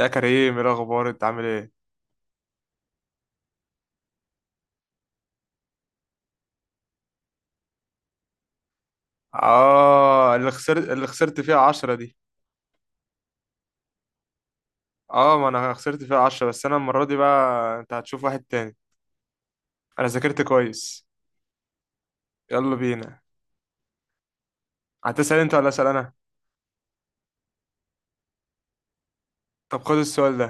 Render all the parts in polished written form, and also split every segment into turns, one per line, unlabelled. يا كريم، ايه الاخبار؟ انت عامل ايه؟ اه، اللي خسرت فيها 10 دي. اه، ما انا خسرت فيها 10، بس انا المرة دي بقى انت هتشوف واحد تاني. انا ذاكرت كويس. يلا بينا. هتسأل انت ولا اسأل انا؟ طب خد السؤال ده.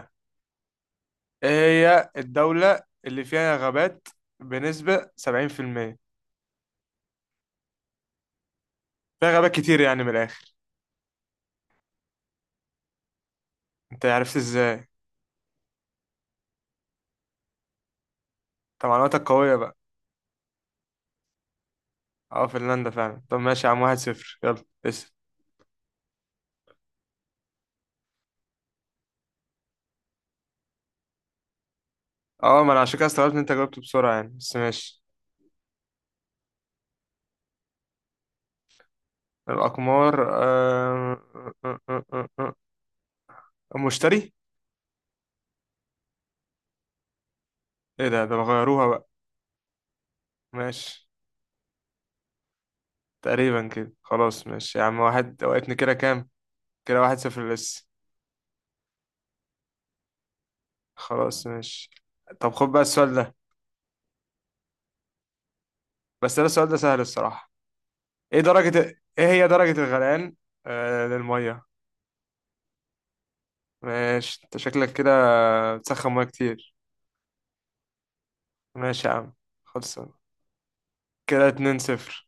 ايه هي الدولة اللي فيها غابات بنسبة 70%؟ فيها غابات كتير يعني من الاخر. انت عرفت ازاي؟ طب معلوماتك قوية بقى. اه فنلندا فعلا. طب ماشي يا عم، 1-0، يلا اسأل. اه، ما انا عشان كده استغربت ان انت جاوبت بسرعة يعني، بس ماشي. الأقمار، مشتري. ايه ده؟ ده غيروها بقى. ماشي. تقريبا كده، خلاص ماشي يا عم واحد. وقتني كده كام؟ كده 1-0 لسه. خلاص ماشي. طب خد بقى السؤال ده. بس ده السؤال ده سهل الصراحة. ايه هي درجة الغليان؟ للمية. ماشي، انت شكلك كده بتسخن مية كتير. ماشي يا عم. خلصان. كده 2-0.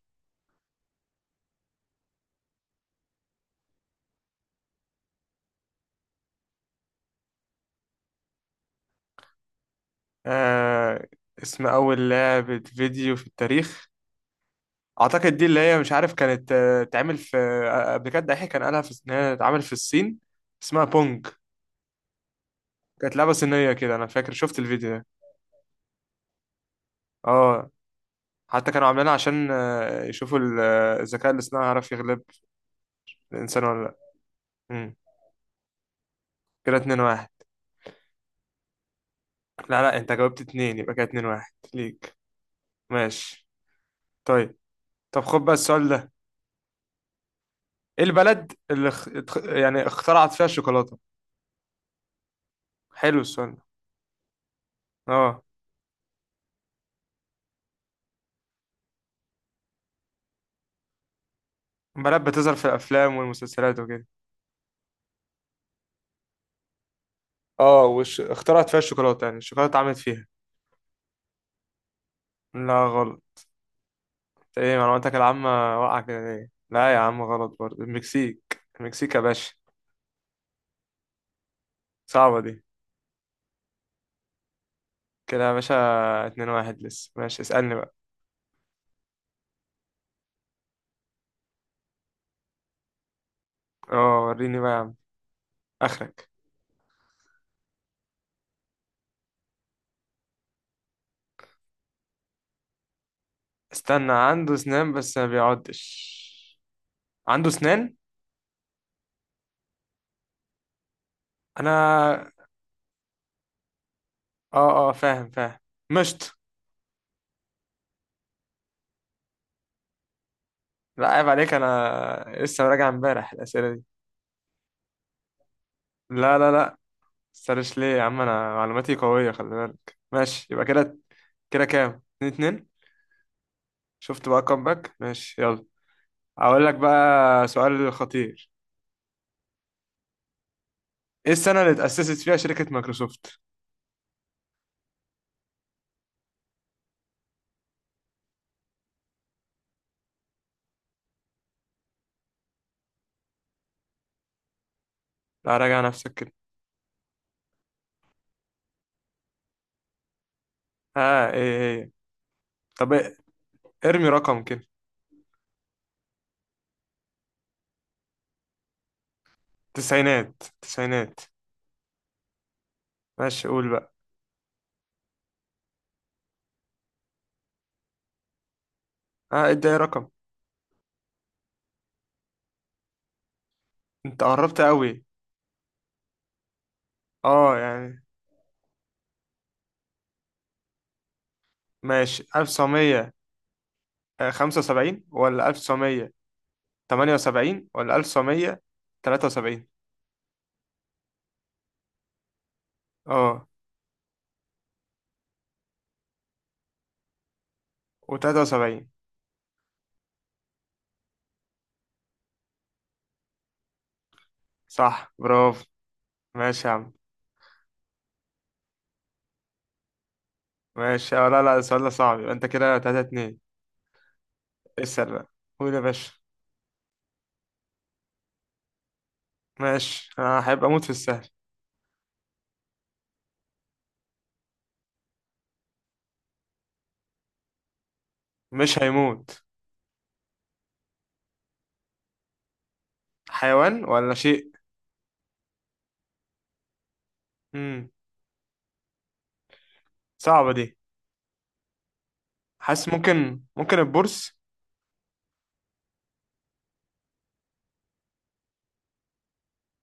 آه اسم أول لعبة فيديو في التاريخ. اعتقد دي اللي هي مش عارف كانت، اتعمل في، قبل كده دحيح كان قالها في، ان هي اتعمل في الصين. اسمها بونج. كانت لعبه صينيه كده، انا فاكر شفت الفيديو ده. اه، حتى كانوا عاملينها عشان يشوفوا الذكاء الاصطناعي هيعرف يغلب الانسان ولا لا. امم. كده 2-1. لا لا، انت جاوبت 2، يبقى كده 2-1 ليك. ماشي، طيب. طب خد بقى السؤال ده. ايه البلد اللي يعني اخترعت فيها الشوكولاته؟ حلو السؤال ده. اه، بلد بتظهر في الافلام والمسلسلات وكده. اه، وش اخترعت فيها الشوكولاتة، يعني الشوكولاتة اتعملت فيها. لا غلط. ايه معلوماتك العامة. واقعة كده ليه، لا يا عم غلط برضه. المكسيك، المكسيك يا باشا. صعبة دي. كده يا باشا 2-1 لسه، ماشي اسألني بقى. اه وريني بقى يا عم اخرك. استنى، عنده اسنان بس ما بيعضش. عنده اسنان. انا. اه اه فاهم فهم. مشط. لا عيب عليك، انا لسه راجع امبارح الاسئلة دي. لا لا لا. سرش ليه يا عم، انا معلوماتي قوية خلي بالك، ماشي يبقى كده. كده كام؟ 2-2. شفت بقى كومباك. ماشي يلا. هقول لك بقى سؤال خطير. ايه السنة اللي اتأسست فيها شركة مايكروسوفت؟ لا راجع نفسك كده. ها ايه هي؟ طب إيه؟ ارمي رقم كده. تسعينات تسعينات. ماشي قول بقى. ها ادي اي رقم. انت قربت قوي. اه يعني. ماشي، 1975 ولا 1978 ولا 1973. اه و73. صح برافو. ماشي يا عم. ماشي أه. لا لا السؤال ده صعب، يبقى انت كده 3-2. اسأل بقى. قول يا باشا. ماشي انا هيبقى اموت في السهل. مش هيموت. حيوان ولا شيء؟ امم. صعبة دي. حاسس، ممكن البورس.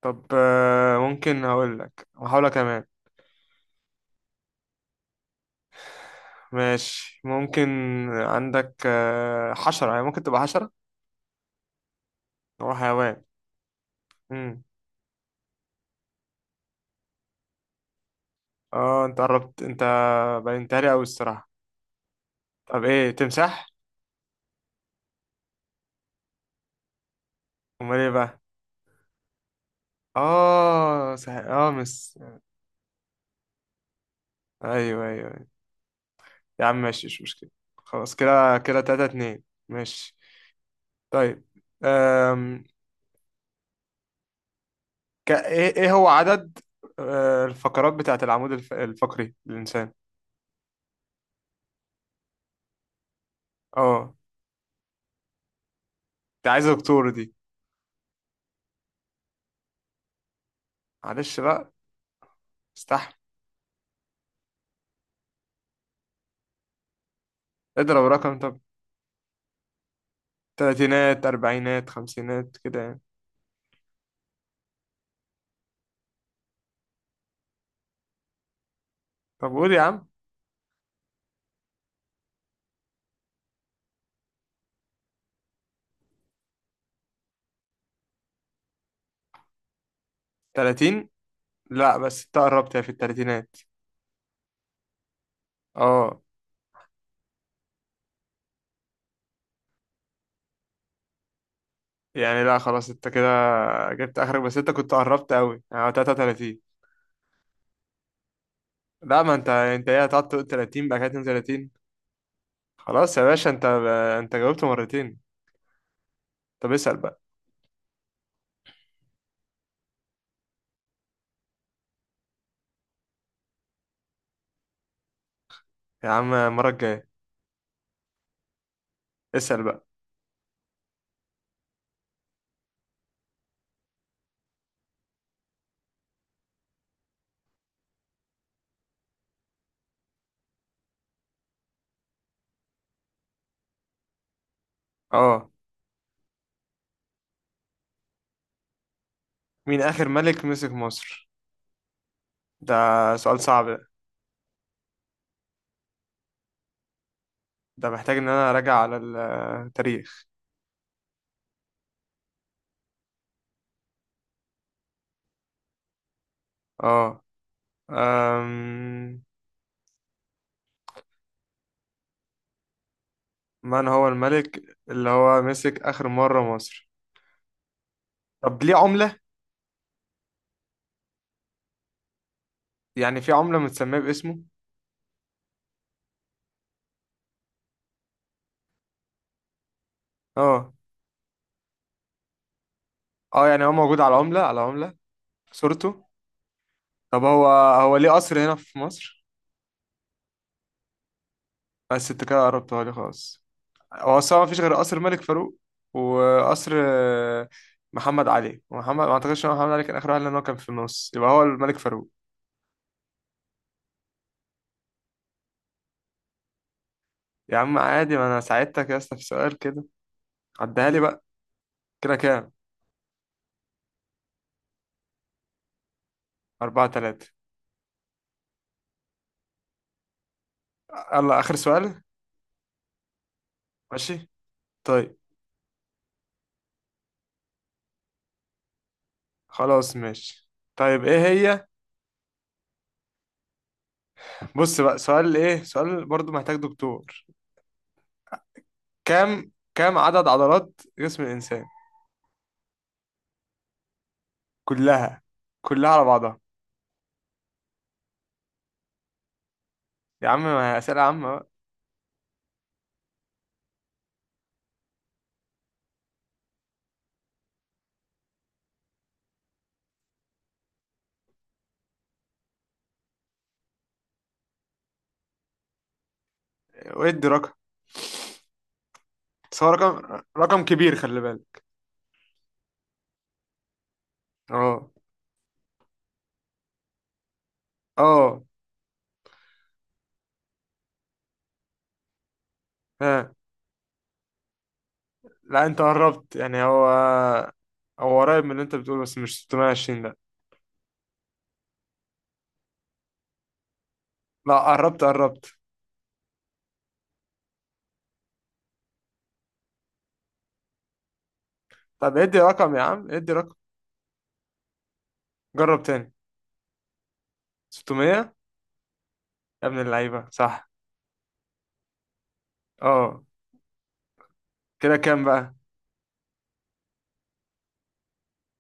طب ممكن، هقول لك كمان. ماشي ممكن. عندك حشرة، يعني ممكن تبقى حشرة. هو حيوان. امم. اه انت قربت انت. بينتهي قوي الصراحة. طب ايه، تمساح؟ امال ايه بقى؟ اه صحيح اه مس. ايوه ايوه أيوة. يا عم ماشي، مش مشكلة. خلاص كده كده 3-2، ماشي. طيب. أم... ك... ايه إيه هو عدد الفقرات بتاعت العمود الفقري للإنسان؟ اه انت عايز دكتور دي. معلش بقى، استحمل. اضرب رقم طب. تلاتينات أربعينات خمسينات كده يعني. طب قول يا عم. تلاتين. لا بس انت قربت، هي في التلاتينات. اه يعني. لا خلاص انت كده جبت اخرك، بس انت كنت قربت قوي يعني 33. لا، ما انت ايه، هتقعد تقول 30 بقى 32. خلاص يا باشا انت، انت جاوبت مرتين. طب اسأل بقى. يا عم المرة الجاية، اسأل بقى. اه، مين اخر ملك مسك مصر؟ ده سؤال صعب ده. ده محتاج ان انا اراجع على التاريخ. اه. أم... من هو الملك اللي هو مسك اخر مرة مصر؟ طب ليه عملة؟ يعني في عملة متسمية باسمه. اه، اه يعني هو موجود على عملة، على عملة صورته. طب هو، هو ليه قصر هنا في مصر. بس انت كده قربتها لي خالص. هو اصلا مفيش غير قصر الملك فاروق وقصر محمد علي. ومحمد، ما اعتقدش ان محمد علي كان اخر واحد، لان هو كان في النص. يبقى هو الملك فاروق. يا عم عادي، ما انا ساعدتك يا اسطى في سؤال كده. عدها لي بقى. كده كام؟ 4-3. يلا آخر سؤال. ماشي طيب. خلاص ماشي. طيب ايه هي. بص بقى سؤال، ايه سؤال برضو محتاج دكتور. كام كام عدد عضلات جسم الإنسان كلها؟ كلها على بعضها. يا عم ما هي أسئلة عامة بقى. وادي رقم. بس هو رقم، رقم كبير خلي بالك. اه اه. ها. لا انت قربت، يعني هو، هو قريب من اللي انت بتقوله بس مش 620، لا. لا قربت قربت. طب ادي رقم يا عم، ادي رقم جرب تاني. 600. يا ابن اللعيبة صح. اه كده كام بقى؟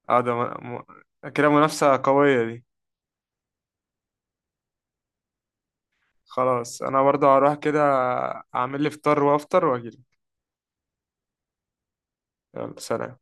اه ده. كده منافسة قوية دي. خلاص انا برضه هروح كده، اعمل لي فطار وافطر واجيلك. يلا سلام.